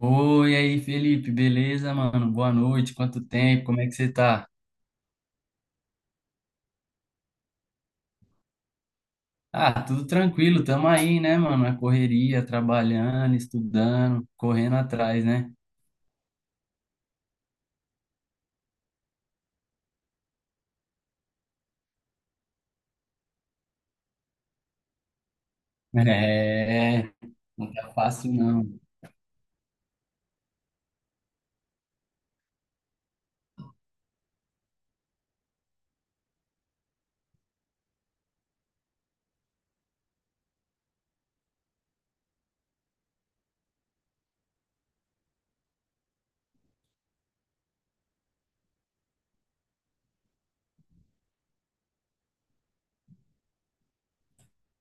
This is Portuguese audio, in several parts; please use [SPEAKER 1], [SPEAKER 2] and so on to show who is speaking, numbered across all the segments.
[SPEAKER 1] Oi, aí, Felipe, beleza, mano? Boa noite, quanto tempo, como é que você tá? Ah, tudo tranquilo, tamo aí, né, mano? Na correria, trabalhando, estudando, correndo atrás, né? É, não tá fácil, não.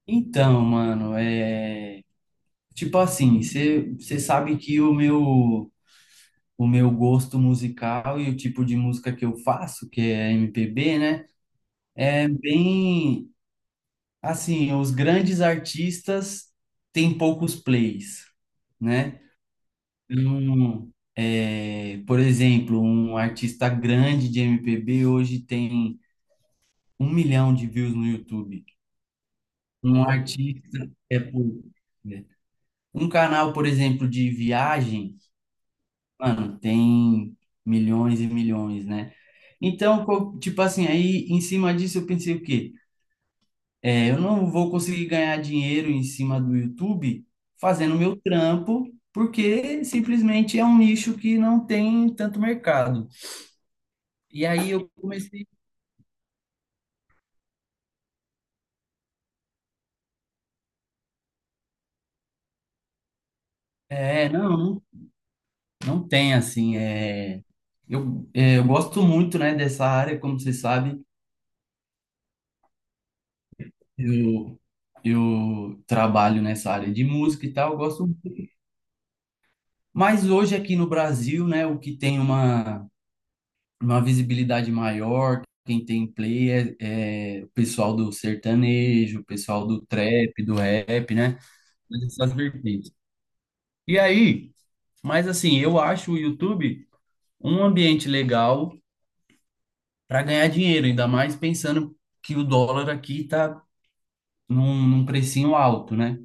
[SPEAKER 1] Então, mano, é. Tipo assim, você sabe que o meu gosto musical e o tipo de música que eu faço, que é MPB, né? É bem. Assim, os grandes artistas têm poucos plays, né? Então, é, por exemplo, um artista grande de MPB hoje tem 1 milhão de views no YouTube. Um artista é pouco, né? Um canal, por exemplo, de viagem, mano, tem milhões e milhões, né? Então, tipo assim, aí em cima disso eu pensei o quê? É, eu não vou conseguir ganhar dinheiro em cima do YouTube fazendo meu trampo, porque simplesmente é um nicho que não tem tanto mercado. E aí eu comecei. É, não, não tem assim. É, eu gosto muito, né, dessa área, como você sabe, eu, eu trabalho nessa área de música e tal, eu gosto muito. Mas hoje aqui no Brasil, né, o que tem uma visibilidade maior. Quem tem play é o pessoal do sertanejo, o pessoal do trap, do rap, né? Essas vertentes. E aí, mas assim, eu acho o YouTube um ambiente legal para ganhar dinheiro, ainda mais pensando que o dólar aqui tá num precinho alto, né?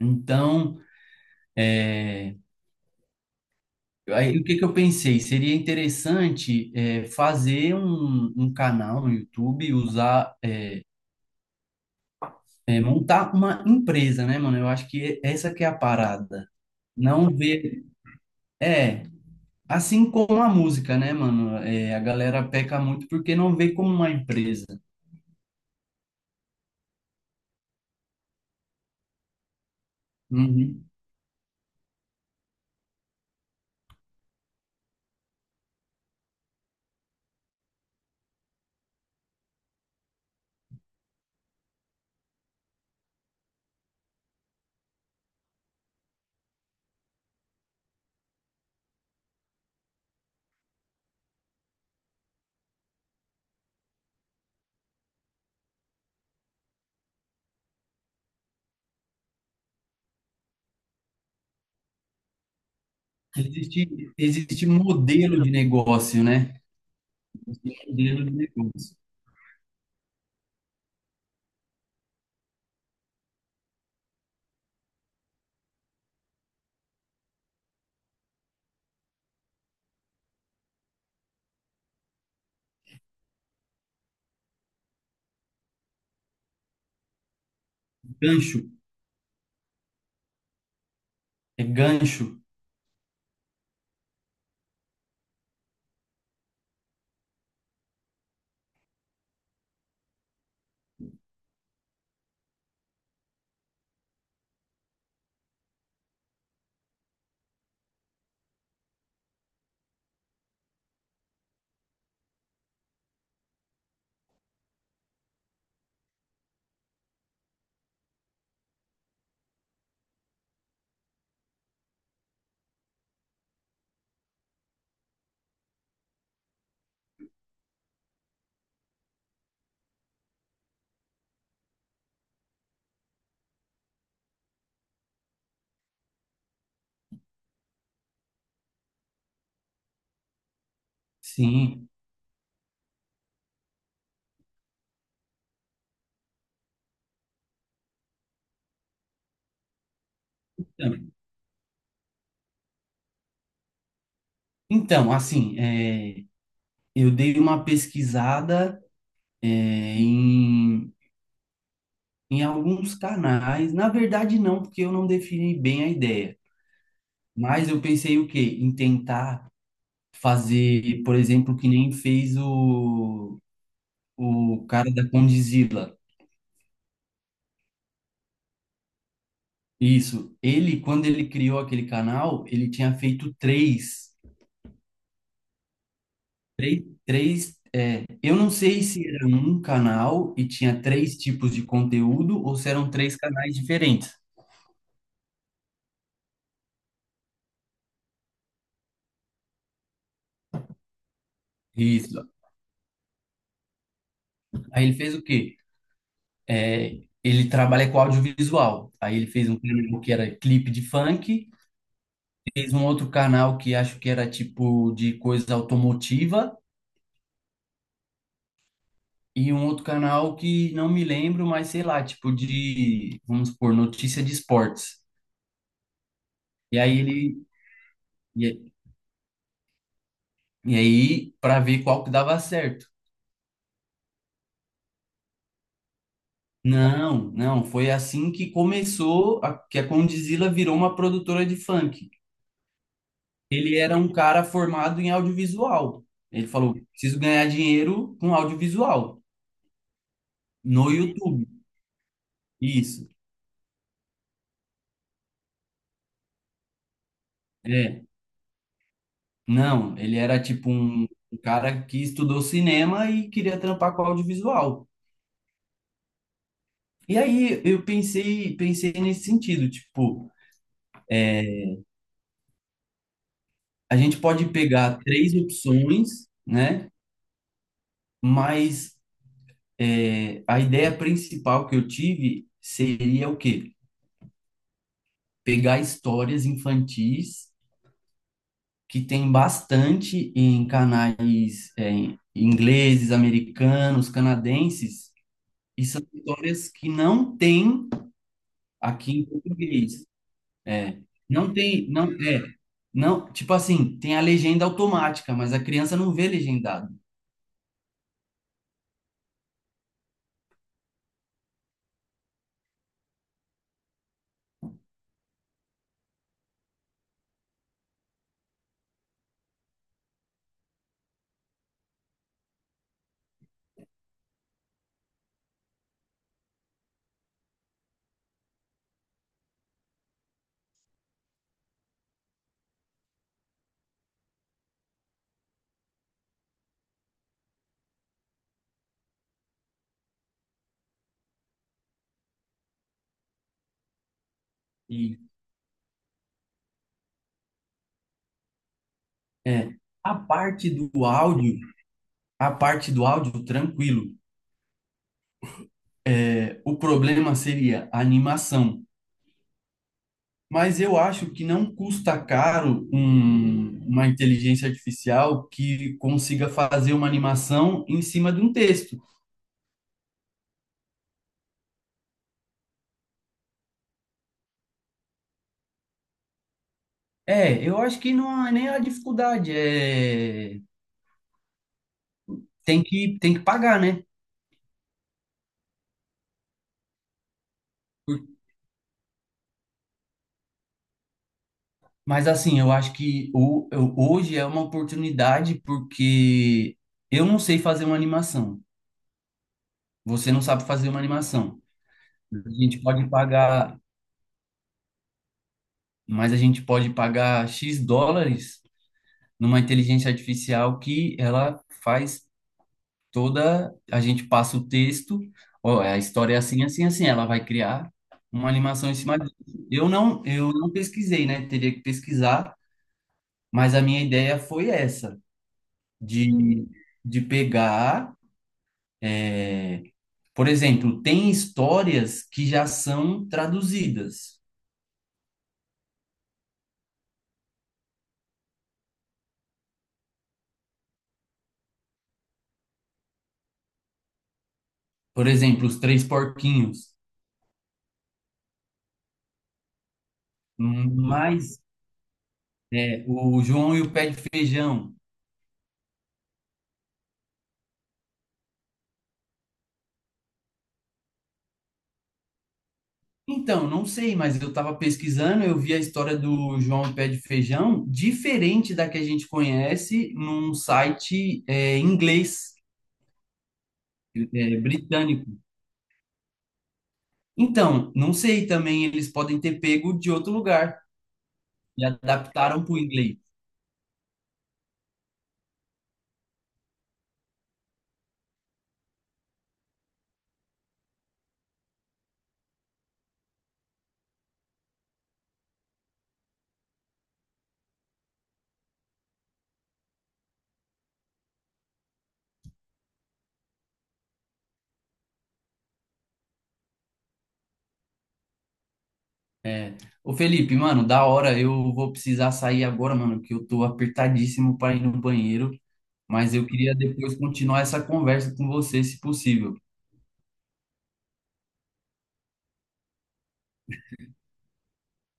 [SPEAKER 1] Então, aí, o que que eu pensei? Seria interessante é, fazer um canal no YouTube, usar É, montar uma empresa, né, mano? Eu acho que essa que é a parada. Não ver. É, assim como a música, né, mano? É, a galera peca muito porque não vê como uma empresa. Uhum. Existe, existe modelo de negócio, né? Existe modelo de negócio. Gancho. É gancho. Sim. Então, então, assim, é, eu dei uma pesquisada, é, em, em alguns canais. Na verdade, não, porque eu não defini bem a ideia. Mas eu pensei o quê? Em tentar fazer, por exemplo, que nem fez o cara da Condizila. Isso. Ele, quando ele criou aquele canal, ele tinha feito três. Três, três, é, eu não sei se era um canal e tinha três tipos de conteúdo ou se eram três canais diferentes. Isso. Aí ele fez o quê? É, ele trabalha com audiovisual. Aí ele fez um canal que era clipe de funk fez um outro canal que acho que era tipo de coisa automotiva e um outro canal que não me lembro, mas sei lá, tipo de, vamos supor, notícia de esportes. E aí ele e, e aí para ver qual que dava certo. Não, não, foi assim que começou a, que a Condzilla virou uma produtora de funk. Ele era um cara formado em audiovisual. Ele falou: preciso ganhar dinheiro com audiovisual no YouTube. Isso. É. Não, ele era tipo um cara que estudou cinema e queria trampar com audiovisual. E aí eu pensei, pensei nesse sentido, tipo, a gente pode pegar três opções, né? Mas é, a ideia principal que eu tive seria o quê? Pegar histórias infantis que tem bastante em canais é, ingleses, americanos, canadenses, e são histórias que não tem aqui em português. É. Não tem, não, é, não, tipo assim, tem a legenda automática, mas a criança não vê legendado. E é, a parte do áudio, a parte do áudio, tranquilo. É, o problema seria a animação. Mas eu acho que não custa caro uma inteligência artificial que consiga fazer uma animação em cima de um texto. É, eu acho que não há nem a dificuldade, é, tem que pagar, né? Mas assim, eu acho que hoje é uma oportunidade porque eu não sei fazer uma animação. Você não sabe fazer uma animação. A gente pode pagar, mas a gente pode pagar X dólares numa inteligência artificial que ela faz toda, a gente passa o texto, ó, a história é assim, assim, assim, ela vai criar uma animação em cima disso. Eu não pesquisei, né? Teria que pesquisar, mas a minha ideia foi essa, de, pegar É, por exemplo, tem histórias que já são traduzidas. Por exemplo, Os Três Porquinhos. Mas é, o João e o Pé de Feijão. Então, não sei, mas eu estava pesquisando, eu vi a história do João e o Pé de Feijão diferente da que a gente conhece num site é, inglês, é, britânico. Então, não sei também, eles podem ter pego de outro lugar e adaptaram para o inglês. É. Ô Felipe, mano, da hora, eu vou precisar sair agora, mano, que eu tô apertadíssimo para ir no banheiro, mas eu queria depois continuar essa conversa com você, se possível.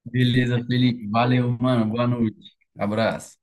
[SPEAKER 1] Beleza, Felipe, valeu, mano, boa noite, abraço.